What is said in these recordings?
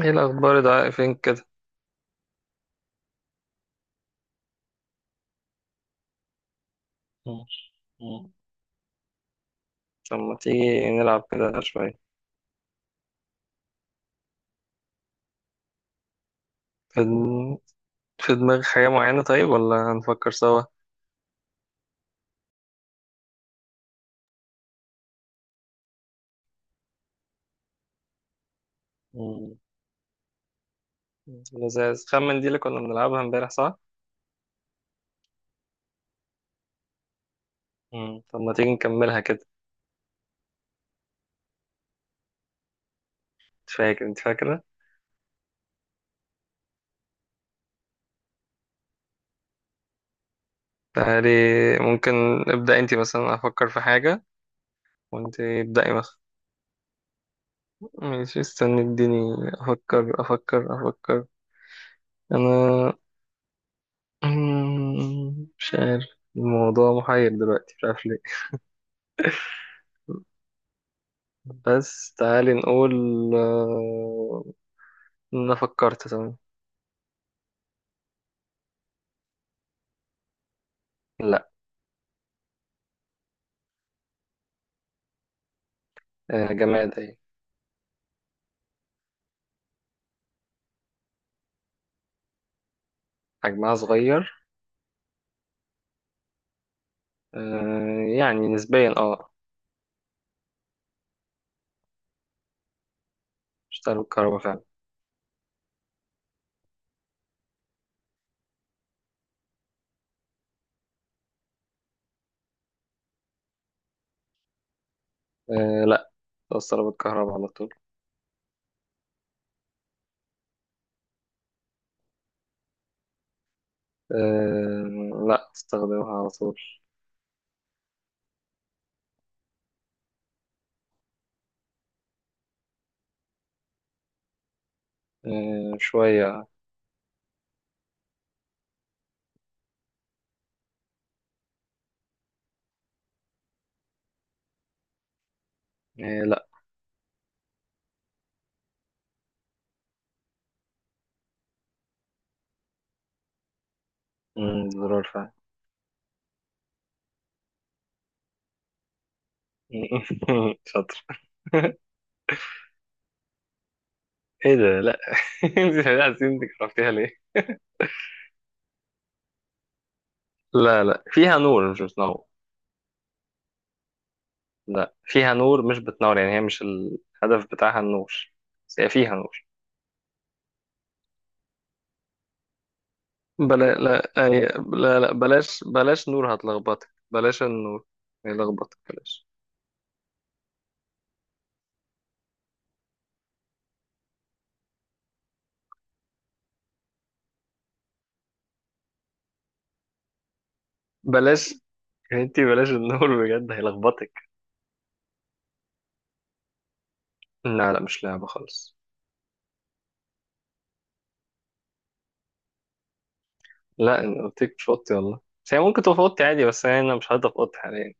ايه الاخبار يا دعاء، فين كده؟ مم. مم. طب ما تيجي نلعب كده شويه؟ في دم- في دماغك حاجه معينه، طيب ولا هنفكر سوا؟ مم. لذيذ، خمن دي اللي كنا بنلعبها امبارح صح؟ مم. طب ما تيجي نكملها كده؟ انت فاكره؟ تعالي، ممكن. ابدا انت مثلا، افكر في حاجه وانت ابداي مثلا. ماشي، استني، اديني. افكر. انا. مش عارف. الموضوع محير دلوقتي، مش عارف ليه. بس تعالي نقول. آه، انا فكرت، تمام. لا. آه، جماد اهي. حجمها صغير. آه، يعني نسبيا، اه. بتشتغل بالكهرباء فعلا. آه، لا. توصلها بالكهرباء على طول. آه، لا، استخدمها على طول. آه، شوية. آه، لا. زرار فعلا. شاطر. ايه ده؟ لا. انت عايزين عرفتيها ليه؟ لا، لا، فيها نور مش بتنور. لا، فيها نور مش بتنور، يعني هي مش الهدف بتاعها النور. بس هي فيها نور. بلا لا أي... لا، لا، بلاش، بلاش نور، هتلخبطك، بلاش النور. هيلخبطك، بلاش. بلاش، انتي بلاش النور بجد، هيلخبطك. لا، لا، مش لعبة خالص. لا، انا قلت لك مش في اوضتي والله، بس هي ممكن تبقى في اوضتي عادي، بس انا مش هقدر في اوضتي حاليا.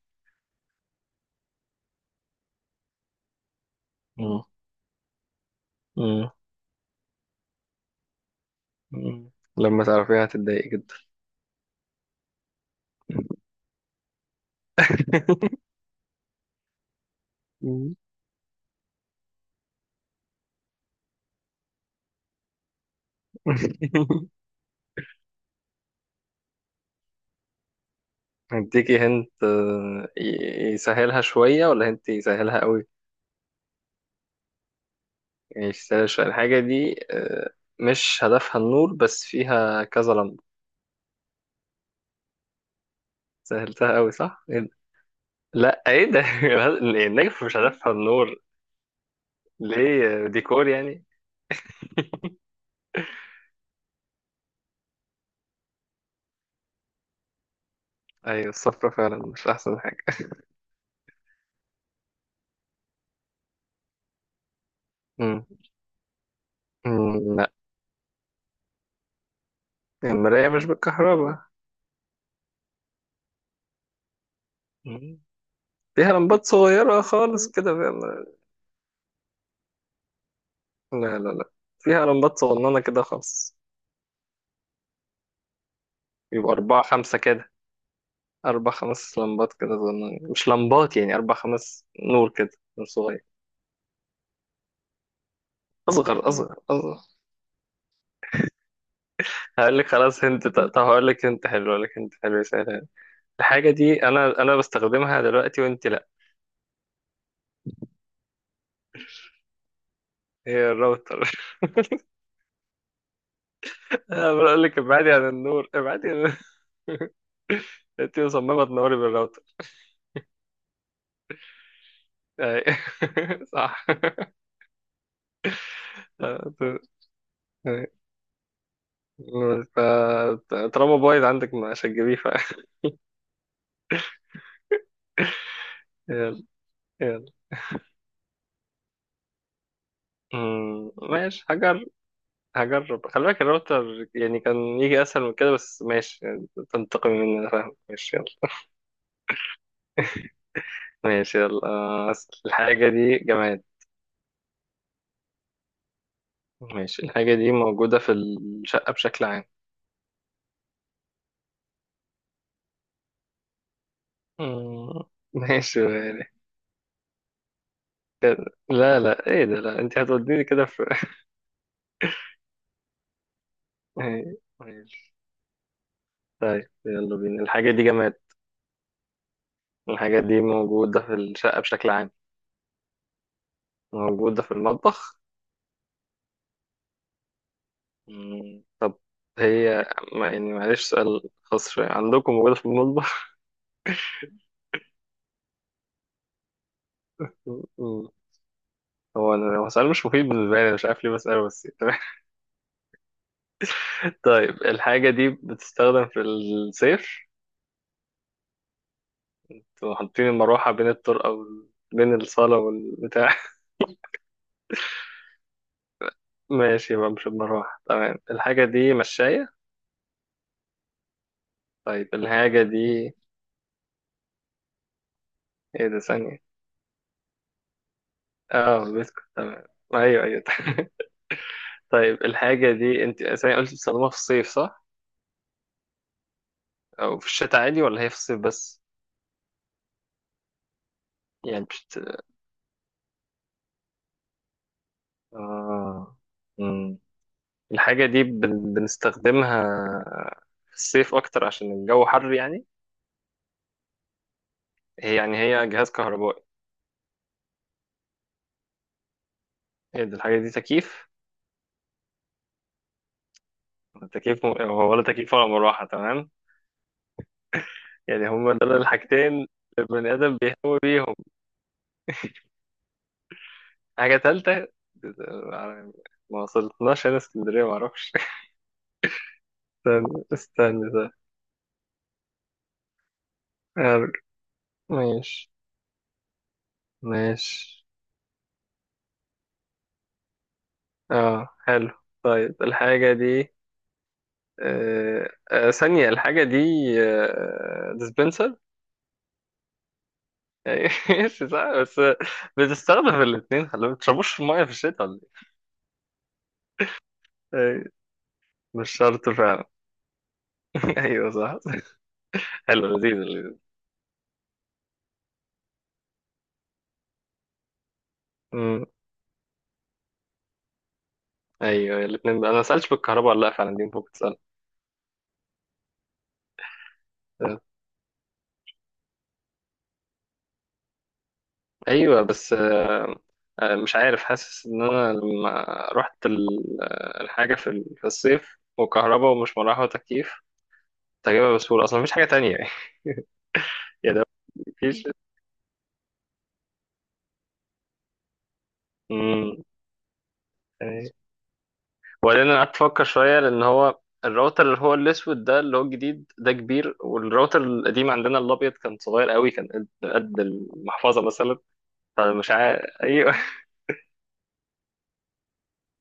مم. مم. مم. لما تعرفيها هتتضايقي جدا. مم. اديكي هنت. آه، يسهلها شوية ولا هنت يسهلها قوي؟ يعني يسهلها شوية الحاجة دي، آه، مش هدفها النور بس فيها كذا لمبة. سهلتها قوي صح؟ إيه ده؟ لا، ايه ده؟ النجف مش هدفها النور. ليه؟ ديكور يعني. ايوه، الصفرة فعلا مش احسن حاجة. مم. لا. المراية مش بالكهرباء. مم. فيها لمبات صغيرة خالص كده، فاهم؟ لا، لا، لا، فيها لمبات صغننة كده خالص. يبقى 4 5 كده. 4 5 لمبات كده صغننين، مش لمبات يعني، 4 5 نور كده. نور صغير. أصغر، أصغر، أصغر. هقول لك هنت حلو سهل. الحاجة دي أنا بستخدمها دلوقتي، وأنت لأ. هي الراوتر! أنا بقول لك ابعدي عن النور، ابعدي عن... أنت مصممة تنوري بالراوتر. أي. صح. طالما بايظ عندك مش هتجيبيه، يلا، يلا. ماشي حاجة. هجرب. خلي بالك الراوتر يعني كان يجي اسهل من كده، بس ماشي يعني، تنتقم مني انا فاهم، ماشي، يلا. ماشي، يلا. آه، أسأل. الحاجة دي جماد. ماشي. الحاجة دي موجودة في الشقة بشكل عام. مم، ماشي. يعني كده. لا، لا، ايه ده؟ لا، انت هتوديني كده في... إيه، ماشي. طيب يلا بينا. الحاجة دي جماد. الحاجة دي موجودة في الشقة بشكل عام. موجودة في المطبخ. طب، هي يعني معلش، سؤال خاص شوية، عندكم موجودة في المطبخ؟ هو سؤال مش مفيد بالنسبة لي، أنا مش عارف ليه بسأله، بس تمام. طيب الحاجة دي بتستخدم في الصيف؟ تبقوا حاطين المروحة بين الطرقة بين الصالة والبتاع. ماشي، يبقى مش المروحة، تمام. الحاجة دي مشاية؟ طيب الحاجة دي... ايه ده؟ ثانية. اه، بسكوت، تمام. ايوه، ايوه. طيب الحاجة دي انت ثانية قلت بتستخدمها في الصيف صح؟ أو في الشتاء عادي ولا هي في الصيف بس؟ يعني بشت... اه. الحاجة دي بنستخدمها في الصيف أكتر عشان الجو حر يعني. هي يعني هي جهاز كهربائي. هي دي الحاجة دي تكييف؟ ولا تكييف ولا مروحة، تمام. يعني هما دول الحاجتين اللي البني آدم بيهتم بيهم. حاجة تالتة يعني. ما وصلتناش، هنا اسكندرية معرفش. استنى، استنى، ده. أرجع. ماشي، ماشي. اه حلو. طيب الحاجة دي... آه، آه، ثانية. الحاجة دي... آه، dispenser. ماشي، صح بس. بنستخدم الاثنين، خلي بالك. ما تشربوش في الميه في الشتاء ولا؟ ايه، أيوة، مش شرط فعلا. ايوه، صح. حلو، لذيذ، لذيذ. أمم، ايوه، الاثنين انا ما سالتش بالكهرباء ولا لا فعلا، دي ممكن تسال. ايوه، بس، آه، آه، مش عارف، حاسس ان انا لما رحت آه، الحاجه في في الصيف وكهرباء، ومش مروحه وتكييف، كنت هجيبها بسهوله اصلا، مفيش حاجه تانية يعني. يا ده، مفيش. أمم، وبعدين انا قعدت افكر شويه، لان هو الراوتر اللي هو الاسود ده، اللي هو الجديد ده، كبير. والراوتر القديم عندنا الابيض كان صغير قوي، كان قد قد المحفظه مثلا. فمش عارف، ايوه.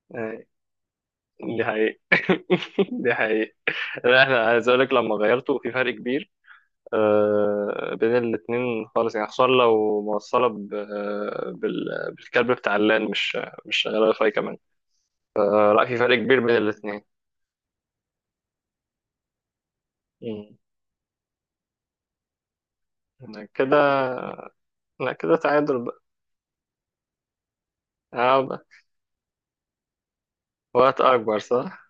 دي حقيقة. دي حقيقة. لا، احنا عايز اقول لك، لما غيرته في فرق كبير، آه، بين الاتنين خالص يعني، خصوصا لو موصلة آه، بالكابل بتاع اللان، مش مش شغالة واي فاي كمان. آه، لا، في فرق كبير بين الاتنين. مم. كده. لا، كده تعادل بقى. آه، وقت أكبر صح؟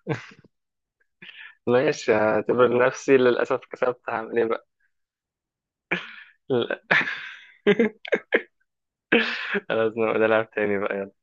ماشي، هعتبر نفسي للأسف كسبت. هعمل إيه بقى؟ لا. لازم أبقى ألعب تاني بقى.